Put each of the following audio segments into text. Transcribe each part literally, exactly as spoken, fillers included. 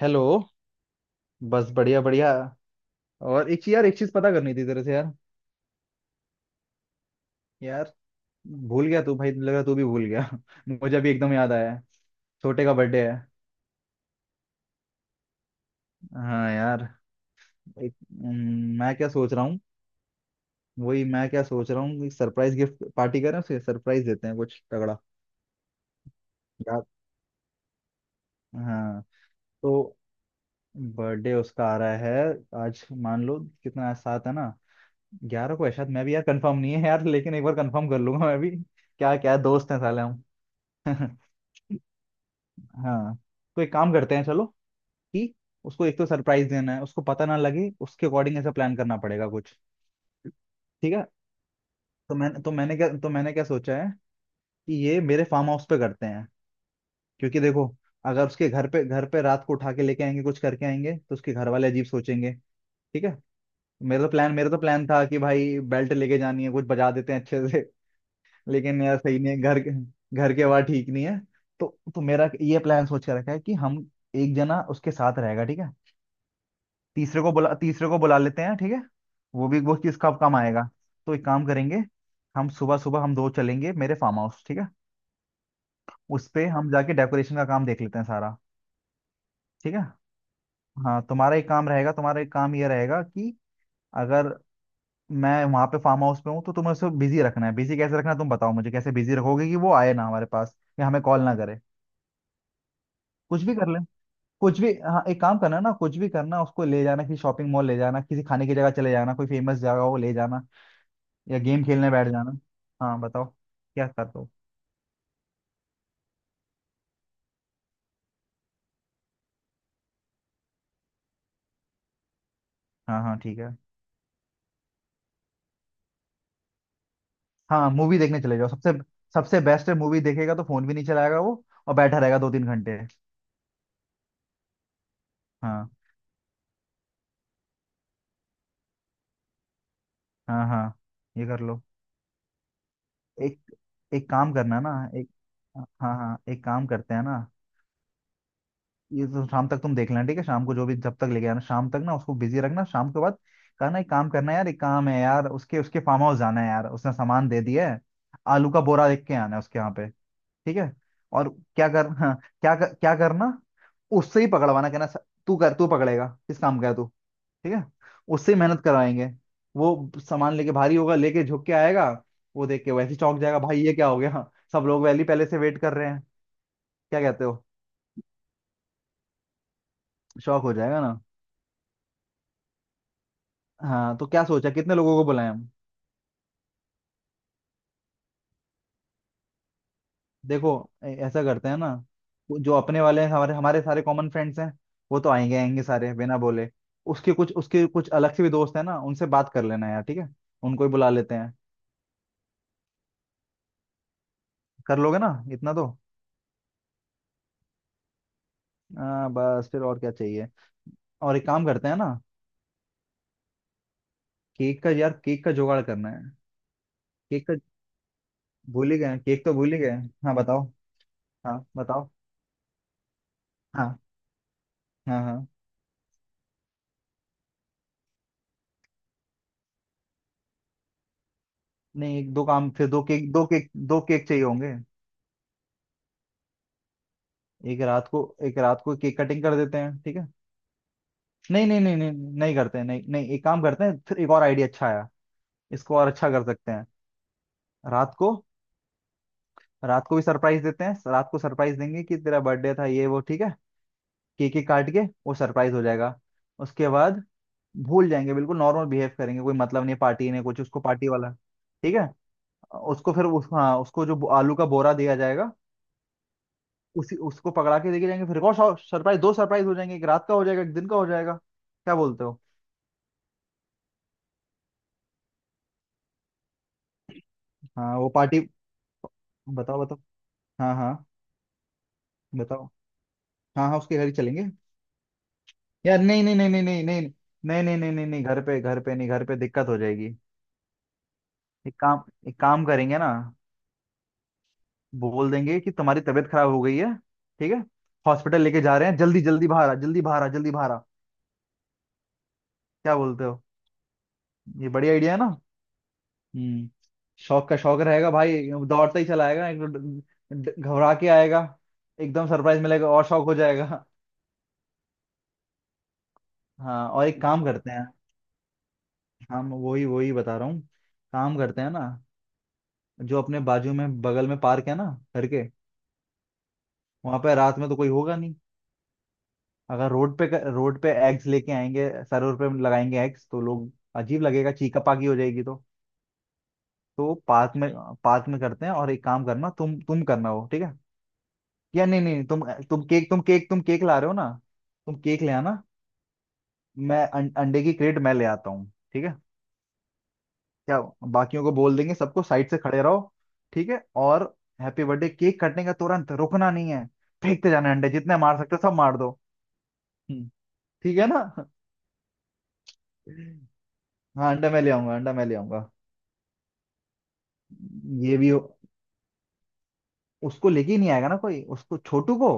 Hello. बस बढ़िया बढ़िया। और एक चीज यार, एक चीज पता करनी थी तेरे से यार। यार भूल गया, तू भाई लग रहा तू भी भूल गया मुझे अभी एकदम याद आया है, छोटे का बर्थडे है। हाँ यार। एक हम्म, मैं क्या सोच रहा हूँ। वही मैं क्या सोच रहा हूँ, सरप्राइज गिफ्ट पार्टी करें, उसे सरप्राइज देते हैं कुछ तगड़ा यार। हाँ तो बर्थडे उसका आ रहा है। आज मान लो कितना, आज सात है ना। ग्यारह को है शायद, मैं भी यार कंफर्म नहीं है यार, लेकिन एक बार कंफर्म कर लूंगा मैं भी। क्या क्या दोस्त हैं साले। हम हाँ तो एक काम करते हैं चलो कि उसको एक तो सरप्राइज देना है, उसको पता ना लगे, उसके अकॉर्डिंग ऐसा प्लान करना पड़ेगा कुछ। ठीक है। तो मैंने तो मैंने क्या तो मैंने क्या सोचा है कि ये मेरे फार्म हाउस पे करते हैं। क्योंकि देखो, अगर उसके घर पे घर पे रात को उठा के लेके आएंगे कुछ करके आएंगे तो उसके घर वाले अजीब सोचेंगे। ठीक है। मेरा तो प्लान मेरा तो प्लान था कि भाई बेल्ट लेके जानी है, कुछ बजा देते हैं अच्छे से लेकिन यार सही नहीं है घर, घर की आवाज ठीक नहीं है। तो तो मेरा ये प्लान सोच के रखा है कि हम एक जना उसके साथ रहेगा ठीक है। तीसरे को बुला तीसरे को बुला लेते हैं ठीक है। वो भी वो किसका काम आएगा। तो एक काम करेंगे, हम सुबह सुबह, हम दो चलेंगे मेरे फार्म हाउस, ठीक है। उस पे हम जाके डेकोरेशन का काम देख लेते हैं सारा। ठीक है। हाँ तुम्हारा एक काम रहेगा तुम्हारा एक काम ये रहेगा कि अगर मैं वहां पे फार्म हाउस पे हूँ तो तुम्हें उसको बिजी रखना है। बिजी कैसे रखना है तुम बताओ, मुझे कैसे बिजी रखोगे कि वो आए ना हमारे पास या हमें कॉल ना करे। कुछ भी कर ले। कुछ भी, हाँ एक काम करना ना, कुछ भी करना, उसको ले जाना किसी शॉपिंग मॉल ले जाना, किसी खाने की जगह चले जाना, कोई फेमस जगह हो ले जाना, या गेम खेलने बैठ जाना। हाँ बताओ क्या करते हो। हाँ हाँ ठीक है। हाँ मूवी देखने चले जाओ सबसे। सबसे बेस्ट है, मूवी देखेगा तो फोन भी नहीं चलाएगा वो और बैठा रहेगा दो तीन घंटे। हाँ हाँ हाँ ये कर लो। एक एक काम करना ना। एक, हाँ हाँ एक काम करते हैं ना। ये तो शाम तक तुम देख लेना ठीक है, शाम को जो भी जब तक लेके आना, शाम तक ना उसको बिजी रखना। शाम के बाद कहना एक काम करना है यार, एक काम है यार, उसके उसके फार्म हाउस जाना है यार, उसने सामान दे दिया है, आलू का बोरा देख के आना है उसके यहाँ पे। ठीक है। और क्या कर हाँ क्या कर, क्या करना, उससे ही पकड़वाना। कहना "स- तू कर, तू पकड़ेगा, किस काम का है तू"। ठीक है, उससे ही मेहनत करवाएंगे। वो सामान लेके भारी होगा, लेके झुक के आएगा। वो देख के वैसे ही चौंक जाएगा, भाई ये क्या हो गया सब लोग वैली पहले से वेट कर रहे हैं। क्या कहते हो। शौक हो जाएगा ना। हाँ तो क्या सोचा, कितने लोगों को बुलाएं हम। देखो, ऐ- ऐसा करते हैं ना, वो जो अपने वाले हैं, हमारे हमारे सारे कॉमन फ्रेंड्स हैं, वो तो आएंगे, आएंगे सारे बिना बोले। उसके कुछ उसके कुछ अलग से भी दोस्त हैं ना, उनसे बात कर लेना यार, ठीक है, उनको ही बुला लेते हैं। कर लोगे ना इतना तो। आ, बस फिर और क्या चाहिए। और एक काम करते हैं ना, केक का यार, केक का जुगाड़ करना है। केक का, भूल ही गए, केक तो भूल ही गए। हाँ बताओ। हाँ बताओ। हाँ हाँ हाँ। नहीं एक दो काम, फिर दो केक, दो केक, दो केक चाहिए होंगे। एक रात को, एक रात को केक कटिंग कर देते हैं ठीक है। नहीं नहीं नहीं नहीं नहीं नहीं करते हैं, नहीं नहीं एक काम करते हैं, फिर एक और आइडिया अच्छा आया। इसको और अच्छा कर सकते हैं। रात को, रात को भी सरप्राइज देते हैं। रात को सरप्राइज देंगे कि तेरा बर्थडे था ये वो, ठीक है। केक ही काट के वो सरप्राइज हो जाएगा। उसके बाद भूल जाएंगे, बिल्कुल नॉर्मल बिहेव करेंगे, कोई मतलब नहीं पार्टी नहीं कुछ उसको पार्टी वाला। ठीक है। उसको फिर उस हाँ, उसको जो आलू का बोरा दिया जाएगा, उसी उसको पकड़ा के लेके जाएंगे। फिर एक और सरप्राइज, दो सरप्राइज हो जाएंगे, एक रात का हो जाएगा, एक दिन का हो जाएगा। क्या बोलते हो। हाँ वो पार्टी। बताओ बताओ। हाँ हाँ बताओ। हाँ हाँ उसके घर ही चलेंगे। यार नहीं नहीं नहीं नहीं नहीं नहीं नहीं नहीं नहीं नहीं नहीं, घर पे, घर पे नहीं, घर पे दिक्कत हो जाएगी। एक काम, एक काम करेंगे ना, बोल देंगे कि तुम्हारी तबीयत खराब हो गई है। ठीक है। हॉस्पिटल लेके जा रहे हैं, जल्दी जल्दी बाहर आ, जल्दी बाहर आ, जल्दी बाहर आ। क्या बोलते हो। ये बढ़िया आइडिया है ना। हम्म। शौक का शौक रहेगा भाई। दौड़ता ही चला आएगा, एक तो ड- ड- घबरा के आएगा। एकदम सरप्राइज मिलेगा और शौक हो जाएगा। हाँ और एक काम करते हैं, हम वही वही बता रहा हूँ, काम करते हैं ना। जो अपने बाजू में, बगल में पार्क है ना, घर के। वहां पे रात में तो कोई होगा नहीं। अगर रोड पे, रोड पे एग्स लेके आएंगे, सरोवर पे लगाएंगे एग्स तो लोग, अजीब लगेगा, चीका पाकी हो जाएगी तो। तो पार्क में, पार्क में करते हैं। और एक काम करना तुम तुम करना वो, ठीक है। या नहीं नहीं तुम, तुम केक तुम केक तुम केक ला रहे हो ना, तुम केक ले आना। मैं अं, अंडे की क्रेट मैं ले आता हूँ ठीक है। क्या, बाकियों को बोल देंगे सबको साइड से खड़े रहो। ठीक है और हैप्पी बर्थडे केक कटने का तुरंत, रुकना नहीं है, फेंकते जाना है अंडे, जितने मार सकते हो सब मार दो। हम्म, ठीक है ना। हाँ अंडा मैं ले आऊंगा, अंडा मैं ले आऊंगा। ये भी हो- उसको लेके ही नहीं आएगा ना कोई, उसको छोटू को,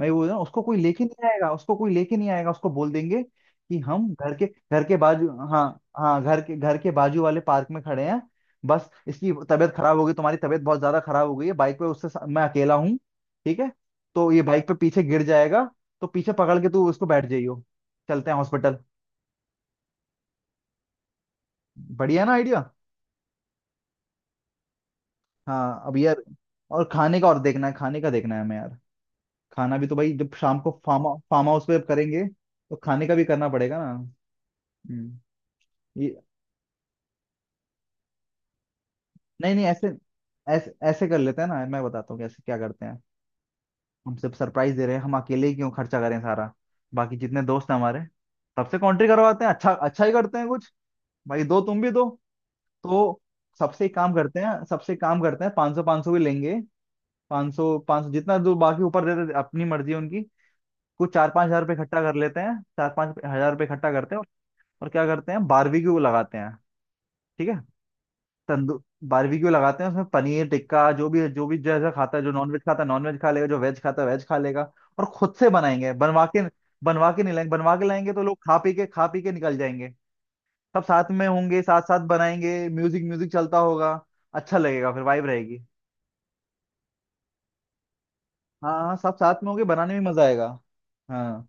मैं बोल रहा हूँ उसको कोई लेके नहीं आएगा, उसको कोई लेके नहीं आएगा। उसको बोल देंगे कि हम घर के, घर के बाजू, हाँ हाँ, घर के घर के बाजू वाले पार्क में खड़े हैं, बस इसकी तबीयत खराब हो गई, तुम्हारी तबीयत बहुत ज्यादा खराब हो गई है। बाइक पे उससे सा- मैं अकेला हूँ ठीक है। तो ये बाइक पे पीछे गिर जाएगा, तो पीछे पकड़ के तू उसको बैठ जाइयो, चलते हैं हॉस्पिटल। बढ़िया ना आइडिया। हाँ अब यार और खाने का, और देखना है खाने का, देखना है हमें यार। खाना भी तो भाई, जब शाम को फार्म, फार्म हाउस पे करेंगे तो खाने का भी करना पड़ेगा ना। हम्म। ये नहीं नहीं, ऐसे ऐसे ऐसे कर लेते हैं ना, मैं बताता हूँ कैसे क्या करते हैं। हम सिर्फ सरप्राइज दे रहे हैं, हम अकेले ही क्यों खर्चा करें सारा, बाकी जितने दोस्त हैं हमारे, सबसे कॉन्ट्री करवाते हैं, अच्छा अच्छा ही करते हैं कुछ, भाई दो तुम भी दो। तो सबसे एक काम करते हैं, सबसे एक काम करते हैं, पाँच सौ पाँच सौ भी लेंगे। पाँच सौ पाँच सौ, जितना जो बाकी ऊपर दे रहे अपनी मर्जी है उनकी। कुछ चार पांच हजार रुपये इकट्ठा कर लेते हैं, चार पांच हजार रुपये इकट्ठा करते हैं और और क्या करते हैं, बारबेक्यू लगाते हैं, ठीक है। तंदू बारबेक्यू लगाते हैं उसमें पनीर टिक्का, जो भी जो भी जैसा खाता है, जो नॉनवेज खाता है नॉनवेज खा लेगा, जो वेज खाता है वेज खा लेगा। और खुद से बनाएंगे, बनवा के, बनवा के नहीं लाएंगे, बनवा के लाएंगे तो लोग खा पी के खा पी के निकल जाएंगे। सब साथ में होंगे, साथ साथ बनाएंगे, म्यूजिक म्यूजिक चलता होगा, अच्छा लगेगा, फिर वाइब रहेगी। हाँ हाँ सब साथ में होंगे, बनाने में मजा आएगा। हाँ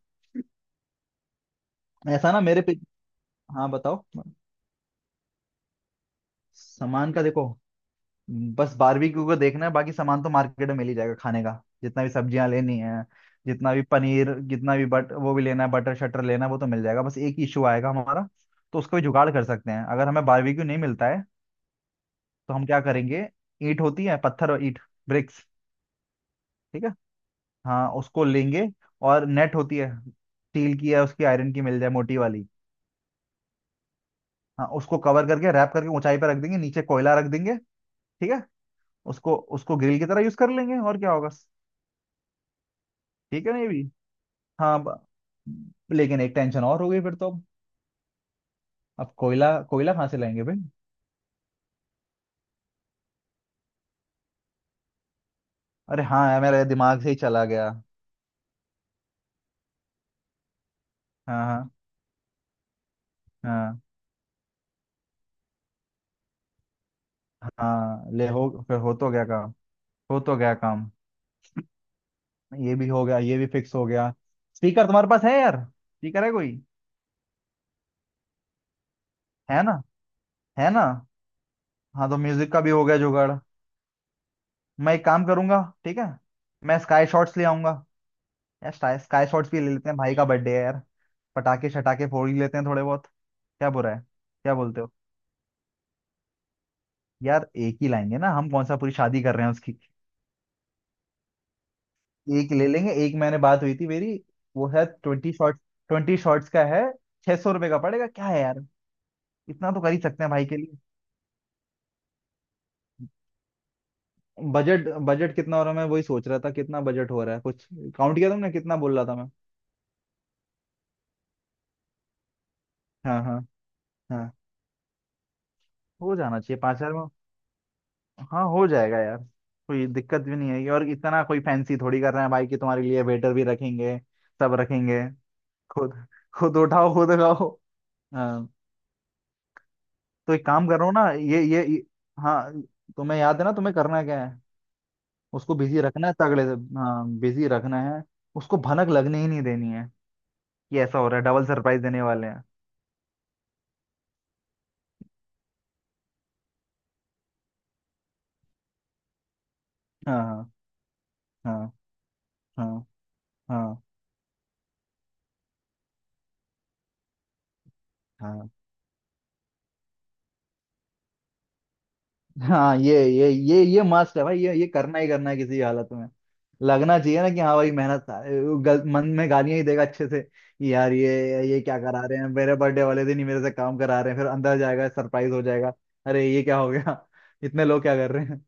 ऐसा ना मेरे पे। हाँ बताओ। सामान का देखो, बस बारबेक्यू को देखना है, बाकी सामान तो मार्केट में मिल ही जाएगा खाने का, जितना भी सब्जियां लेनी है, जितना भी पनीर, जितना भी बट वो भी लेना है, बटर शटर लेना है, वो तो मिल जाएगा, बस एक ही इशू आएगा हमारा। तो उसको भी जुगाड़ कर सकते हैं, अगर हमें बारबेक्यू नहीं मिलता है तो हम क्या करेंगे, ईंट होती है, पत्थर और ईंट, ब्रिक्स, ठीक है। हाँ उसको लेंगे, और नेट होती है स्टील की या उसकी आयरन की, मिल जाए मोटी वाली। हाँ उसको कवर करके रैप करके ऊंचाई पर रख देंगे, नीचे कोयला रख देंगे, ठीक है। उसको उसको ग्रिल की तरह यूज कर लेंगे, और क्या होगा। ठीक है ना ये भी। हाँ ब- लेकिन एक टेंशन और हो गई फिर तो, अब अब कोयला, कोयला कहाँ से लाएंगे भाई। अरे हाँ यार, मेरे दिमाग से ही चला गया। हाँ हाँ हाँ। हाँ ले हो, फिर हो तो गया काम। हो तो गया काम। ये भी हो गया, ये भी फिक्स हो गया। स्पीकर तुम्हारे पास है यार, स्पीकर है कोई। है ना। है ना। हाँ तो म्यूजिक का भी हो गया जुगाड़। मैं एक काम करूंगा, ठीक है, मैं स्काई शॉट्स ले आऊंगा। यार स्काई, स्काई शॉट्स भी ले लेते हैं, भाई का बर्थडे है यार, पटाखे शटाखे फोड़ ही लेते हैं थोड़े बहुत, क्या बुरा है। क्या बोलते हो। यार एक ही लाएंगे ना हम, कौन सा पूरी शादी कर रहे हैं उसकी। एक ले लेंगे, एक मैंने बात हुई थी मेरी। वो है ट्वेंटी शॉर्ट्स, ट्वेंटी शॉर्ट्स का है, छह सौ रुपये का पड़ेगा क्या है यार, इतना तो कर ही सकते हैं भाई के लिए। बजट, बजट कितना हो रहा है मैं वही सोच रहा था, कितना बजट हो रहा है कुछ काउंट किया तुमने, कितना बोल रहा था मैं। हाँ हाँ हाँ। हो जाना चाहिए पाँच हजार में। हाँ हो जाएगा यार। कोई दिक्कत भी नहीं आएगी, और इतना कोई फैंसी थोड़ी कर रहे हैं भाई कि तुम्हारे लिए वेटर भी रखेंगे, सब रखेंगे। खुद, खुद उठाओ खुद खाओ। हाँ तो एक काम कर रहा हूँ ना ये ये ये- हाँ तुम्हें याद है ना तुम्हें करना क्या है, उसको बिजी रखना है तगड़े से। हाँ बिजी रखना है, उसको भनक लगने ही नहीं देनी है कि ऐसा हो रहा है, डबल सरप्राइज देने वाले हैं। हाँ हाँ हाँ हाँ हाँ हाँ। ये ये ये ये मस्त है भाई, ये ये करना ही करना है किसी हालत में। लगना चाहिए ना कि हाँ भाई मेहनत, गल, मन में गालियां ही देगा अच्छे से कि यार ये ये क्या करा रहे हैं, मेरे बर्थडे वाले दिन ही मेरे से काम करा रहे हैं, फिर अंदर जाएगा सरप्राइज हो जाएगा। अरे ये क्या हो गया इतने लोग क्या कर रहे हैं।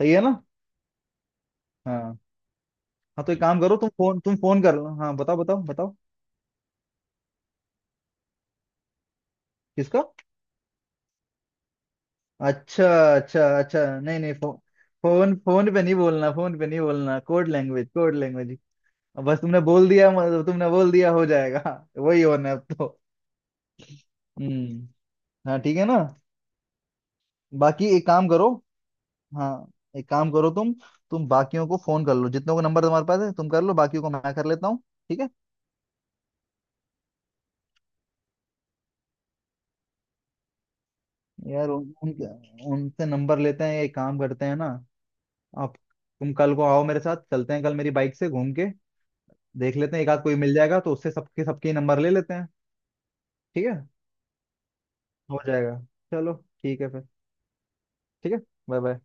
सही है ना। हाँ हाँ तो एक काम करो, तुम फोन, तुम फोन कर लो, हाँ बताओ बताओ बताओ। किसका। अच्छा, अच्छा अच्छा नहीं नहीं फो, फोन, फोन पे नहीं बोलना, फोन पे नहीं बोलना, कोड लैंग्वेज कोड लैंग्वेज। बस तुमने बोल दिया मतलब तुमने बोल दिया, हो जाएगा वही होना है अब तो। हम्म। हाँ ठीक है ना। बाकी एक काम करो। हाँ एक काम करो तुम तुम बाकियों को फोन कर लो जितनों को नंबर तुम्हारे पास है, तुम कर लो, बाकियों को मैं कर लेता हूँ, ठीक है। यार उन, उनके- उनसे नंबर लेते हैं, एक काम करते हैं ना, आप, तुम कल को आओ, मेरे साथ चलते हैं कल, मेरी बाइक से घूम के देख लेते हैं, एक आध कोई मिल जाएगा तो उससे सबके, सबके नंबर ले लेते हैं। ठीक है। हो जाएगा। चलो। ठीक है फिर। ठीक है। Bye bye.